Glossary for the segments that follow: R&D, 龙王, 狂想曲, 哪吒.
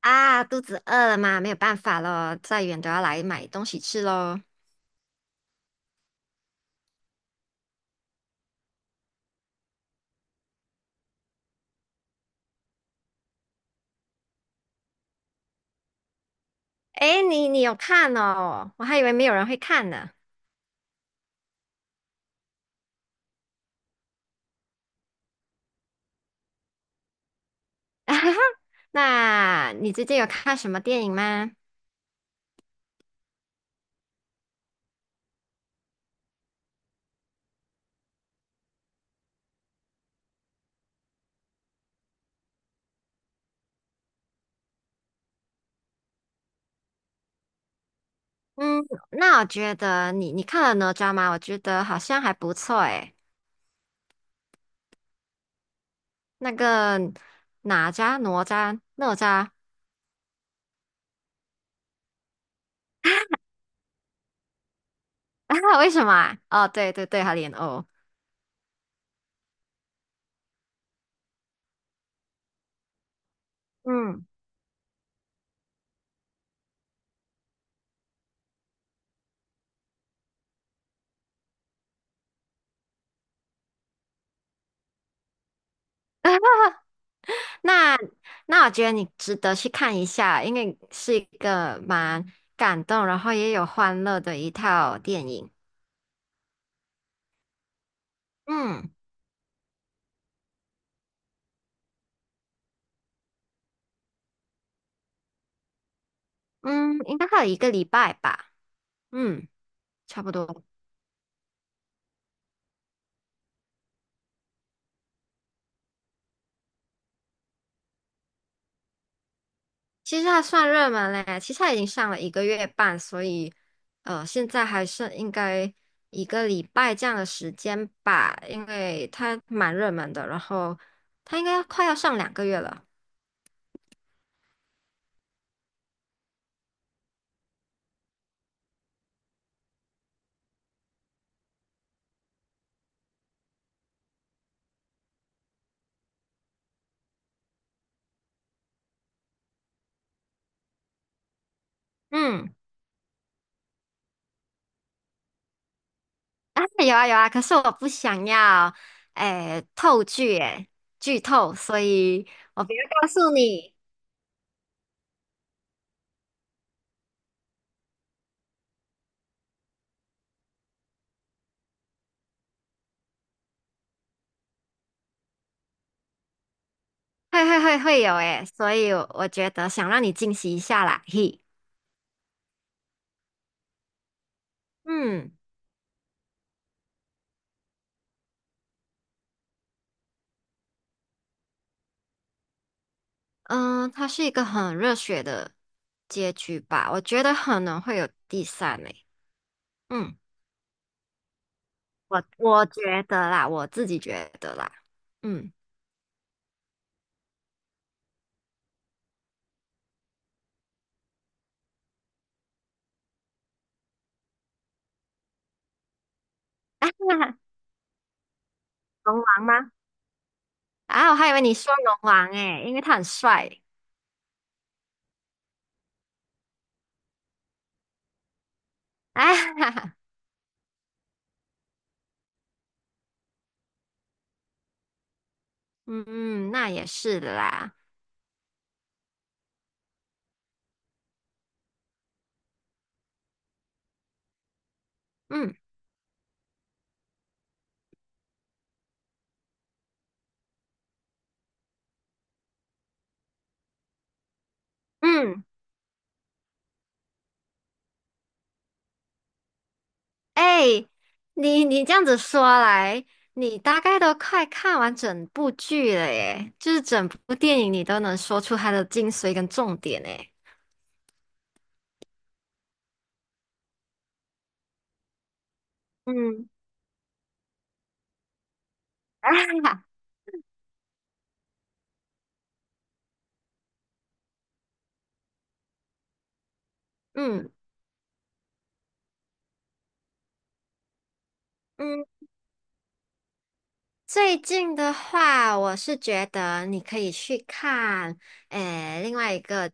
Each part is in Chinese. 啊，肚子饿了吗？没有办法咯，再远都要来买东西吃咯。诶，你有看哦？我还以为没有人会看呢。那你最近有看什么电影吗？嗯，那我觉得你看了哪吒吗？我觉得好像还不错诶。那个哪吒、哪吒、哪吒，为什么啊？哦，对对对，他莲藕。哦。嗯，那那我觉得你值得去看一下，因为是一个蛮感动，然后也有欢乐的一套电影。嗯嗯，应该还有一个礼拜吧。嗯，差不多。其实还算热门嘞，其实它已经上了一个月半，所以现在还剩应该一个礼拜这样的时间吧，因为它蛮热门的，然后它应该快要上2个月了。嗯。啊，有啊有啊，可是我不想要，诶，透剧诶，剧透，所以我不要告诉你，会有诶，所以我觉得想让你惊喜一下啦，嘿，嗯嗯，他是一个很热血的结局吧，我觉得可能会有第三诶，嗯，我觉得啦，我自己觉得啦，嗯，啊，龙王吗？啊，我还以为你说龙王诶，因为他很帅，啊。哈哈。嗯，嗯，那也是的啦。嗯嗯，哎，你这样子说来，你大概都快看完整部剧了耶，就是整部电影你都能说出它的精髓跟重点诶。嗯，啊，嗯嗯。最近的话，我是觉得你可以去看，诶，另外一个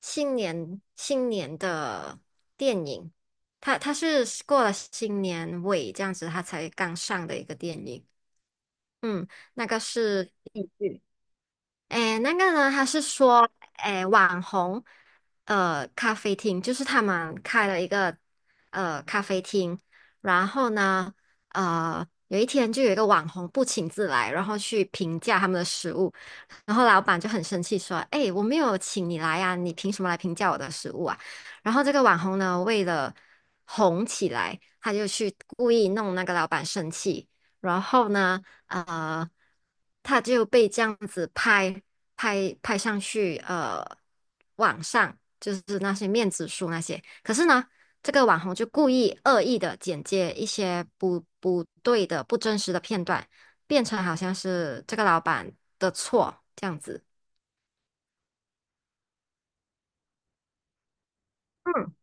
新年的电影，它是过了新年尾这样子，它才刚上的一个电影，嗯，那个是。诶，那个呢，他是说，诶，网红，咖啡厅，就是他们开了一个咖啡厅，然后呢，有一天就有一个网红不请自来，然后去评价他们的食物，然后老板就很生气说，诶，我没有请你来呀，你凭什么来评价我的食物啊？然后这个网红呢，为了红起来，他就去故意弄那个老板生气。然后呢，呃，他就被这样子拍上去，网上就是那些面子书那些。可是呢，这个网红就故意恶意的剪接一些不对的、不真实的片段，变成好像是这个老板的错这样子。嗯。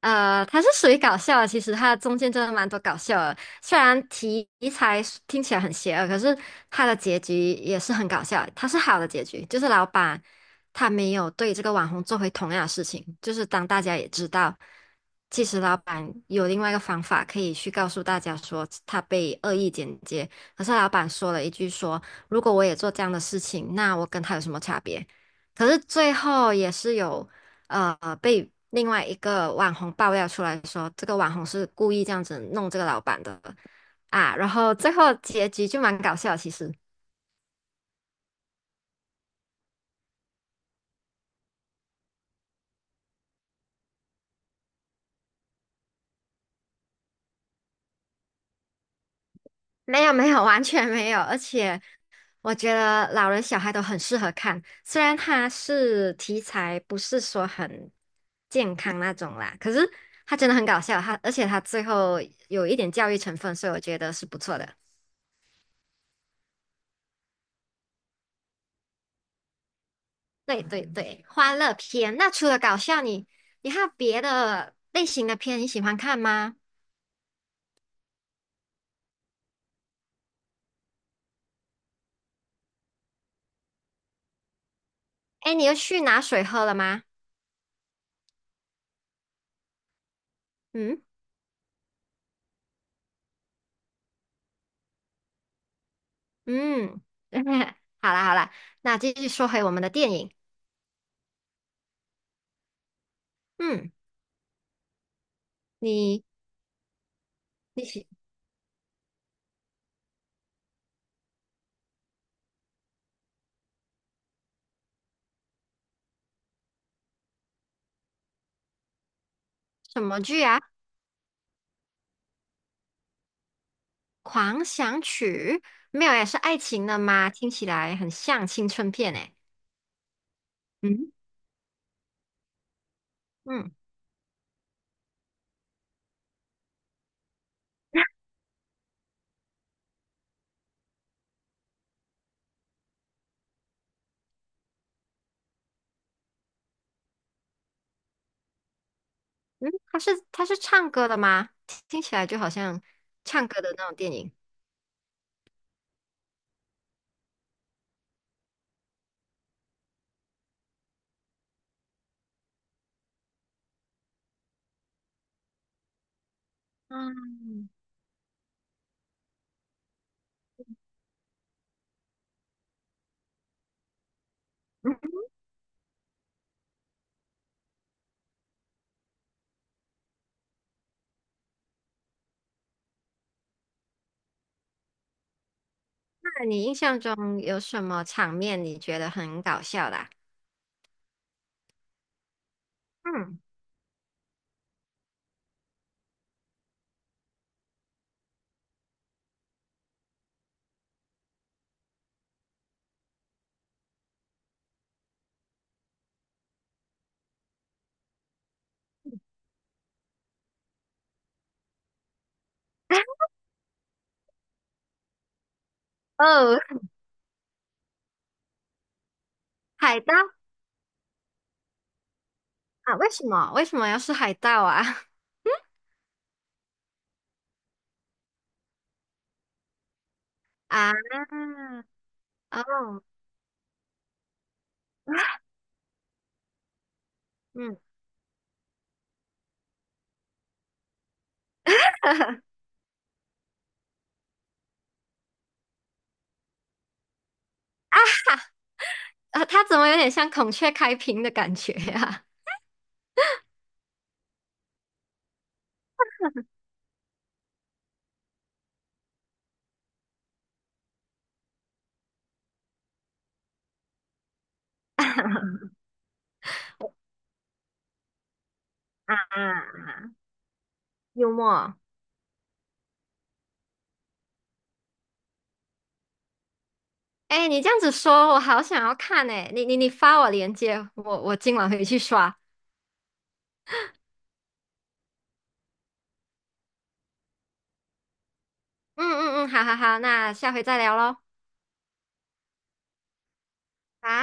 它是属于搞笑的，其实它中间真的蛮多搞笑的。虽然题材是听起来很邪恶，可是它的结局也是很搞笑。它是好的结局，就是老板他没有对这个网红做回同样的事情，就是当大家也知道，其实老板有另外一个方法可以去告诉大家说他被恶意剪接，可是老板说了一句说，如果我也做这样的事情，那我跟他有什么差别？可是最后也是有。被另外一个网红爆料出来说，这个网红是故意这样子弄这个老板的啊，然后最后结局就蛮搞笑，其实没有没有完全没有，而且我觉得老人小孩都很适合看，虽然它是题材不是说很健康那种啦，可是它真的很搞笑，而且它最后有一点教育成分，所以我觉得是不错的。对对对，欢乐片。那除了搞笑，你还有别的类型的片你喜欢看吗？哎，你又去拿水喝了吗？嗯嗯，好啦好啦，那继续说回我们的电影。嗯，你你喜什么剧啊？《狂想曲》没有也是爱情的吗？听起来很像青春片诶。嗯嗯嗯，它是唱歌的吗？听起来就好像唱歌的那种电影。嗯。那你印象中有什么场面你觉得很搞笑的啊？嗯 哦，海盗啊？为什么？为什么要是海盗啊？啊，哦，嗯，啊，他怎么有点像孔雀开屏的感觉呀、啊？啊幽默。哎，你这样子说，我好想要看哎！你发我链接，我今晚回去刷。嗯嗯嗯，好好好，那下回再聊喽。啊。